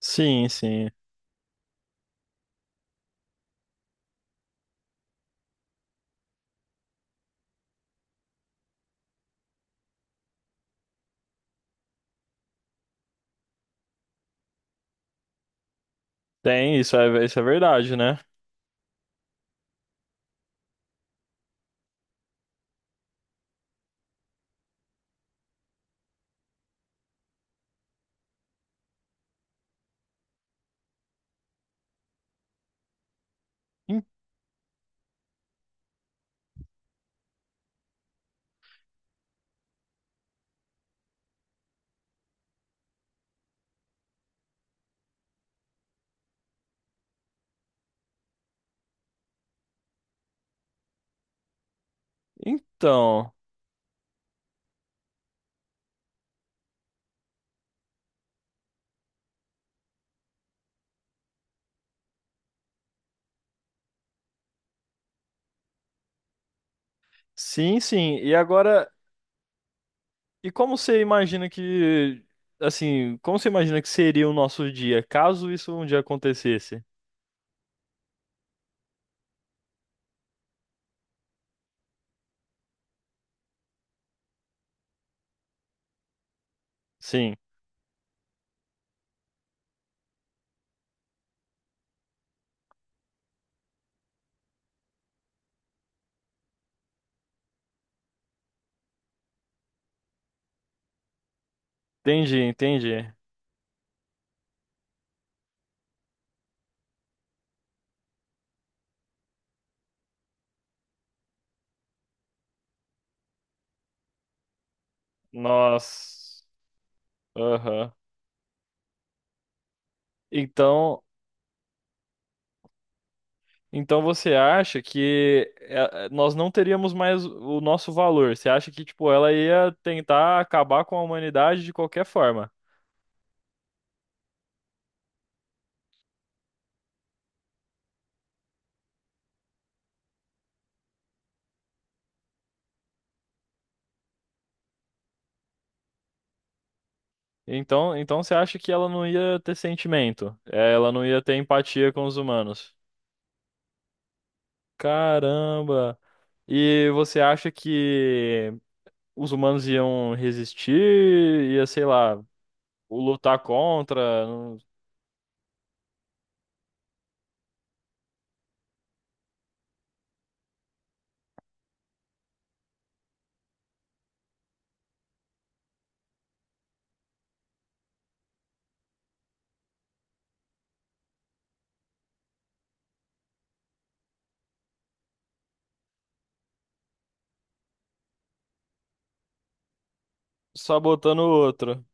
Sim, sim. Tem, isso é verdade, né? En- Então, sim, sim. E agora, e como você imagina que seria o nosso dia, caso isso um dia acontecesse? Sim, entendi, entendi. Nós, aham. Então, então você acha que nós não teríamos mais o nosso valor? Você acha que, tipo, ela ia tentar acabar com a humanidade de qualquer forma? Então, então você acha que ela não ia ter sentimento? É, ela não ia ter empatia com os humanos? Caramba! E você acha que os humanos iam resistir? Ia, sei lá, lutar contra, sabotando o outro?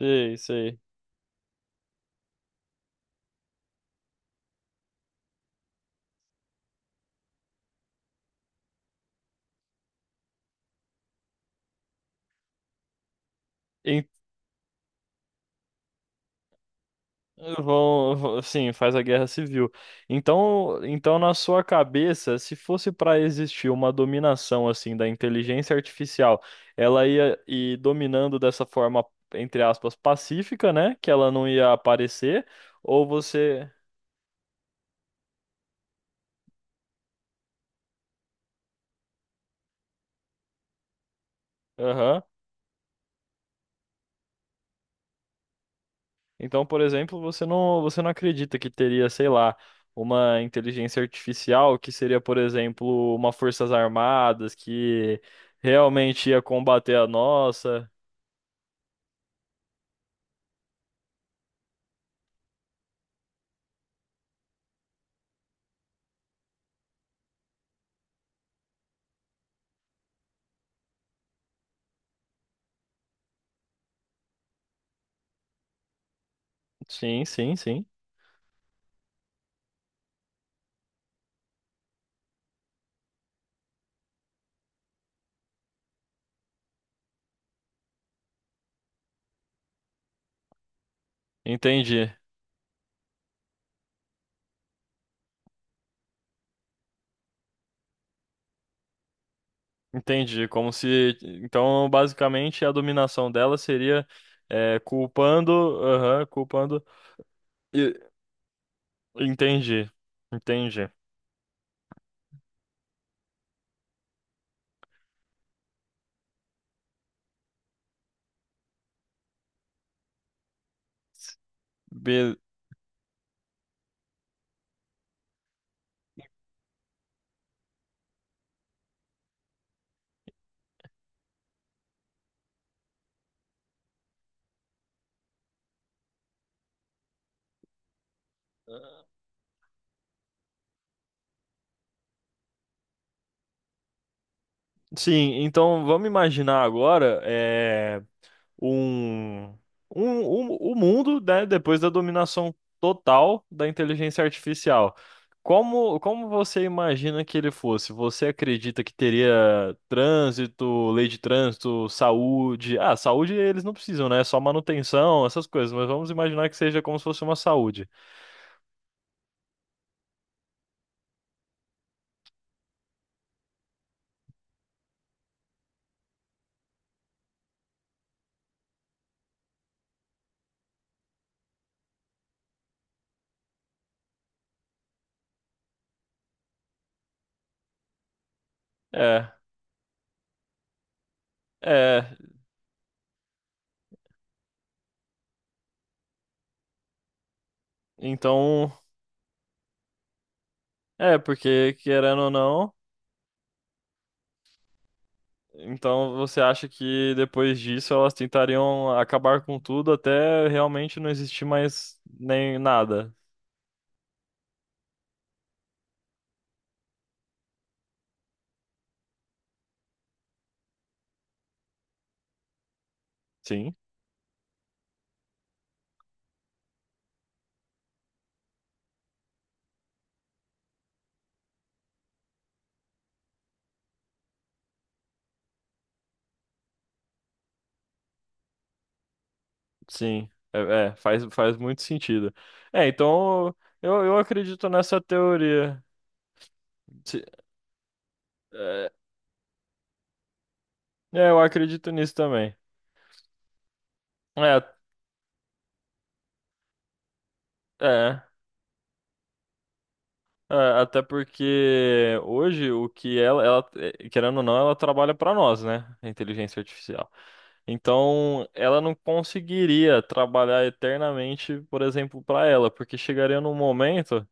Sei, sei. Sim, faz a guerra civil. Então, então na sua cabeça, se fosse para existir uma dominação assim da inteligência artificial, ela ia ir dominando dessa forma, entre aspas, pacífica, né? Que ela não ia aparecer, ou você, aham. Então, por exemplo, você não acredita que teria, sei lá, uma inteligência artificial que seria, por exemplo, uma forças armadas que realmente ia combater a nossa. Sim, sim, sim. Entendi. Entendi. Como se. Então, basicamente, a dominação dela seria é, culpando. Aham, culpando. e- Entendi. Entendi. Be- Sim, então vamos imaginar agora. Um, um, o mundo, né, depois da dominação total da inteligência artificial. Como você imagina que ele fosse? Você acredita que teria trânsito, lei de trânsito, saúde? Ah, saúde eles não precisam, né? É só manutenção, essas coisas, mas vamos imaginar que seja como se fosse uma saúde. É, é. Então, é, porque querendo ou não. Então você acha que depois disso elas tentariam acabar com tudo até realmente não existir mais nem nada? Sim, sim. É, é, faz muito sentido. É, então eu acredito nessa teoria. Se- É, é, eu acredito nisso também. É, é, é, até porque hoje o que ela, querendo ou não, ela trabalha para nós, né? A inteligência artificial. Então, ela não conseguiria trabalhar eternamente, por exemplo, para ela, porque chegaria num momento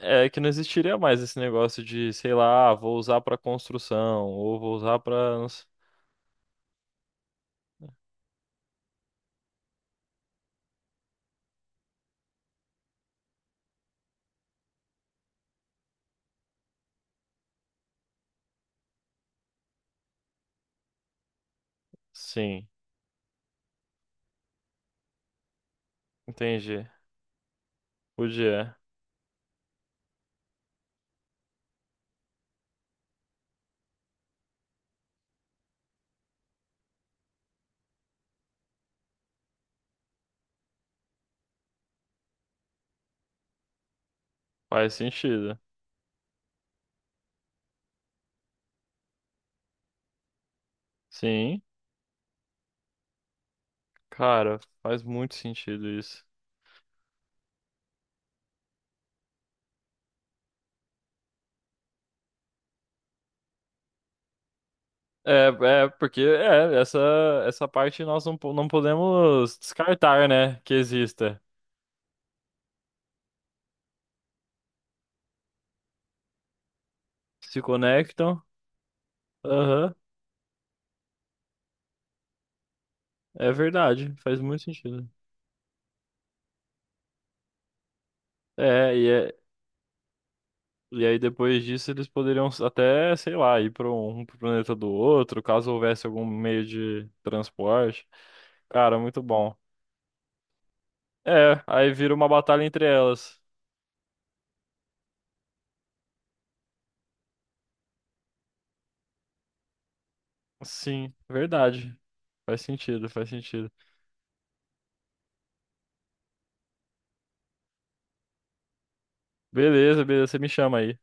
é que não existiria mais esse negócio de, sei lá, ah, vou usar para construção ou vou usar para, sim, entendi. Podia, faz sentido. Sim, cara, faz muito sentido isso. É, é- porque é, essa parte nós não, não podemos descartar, né, que exista. Se conectam. Aham, é verdade, faz muito sentido. É, e, é- e aí depois disso eles poderiam até, sei lá, ir para pro planeta do outro, caso houvesse algum meio de transporte. Cara, muito bom. É, aí vira uma batalha entre elas. Sim, verdade. Faz sentido, faz sentido. Beleza, beleza, você me chama aí.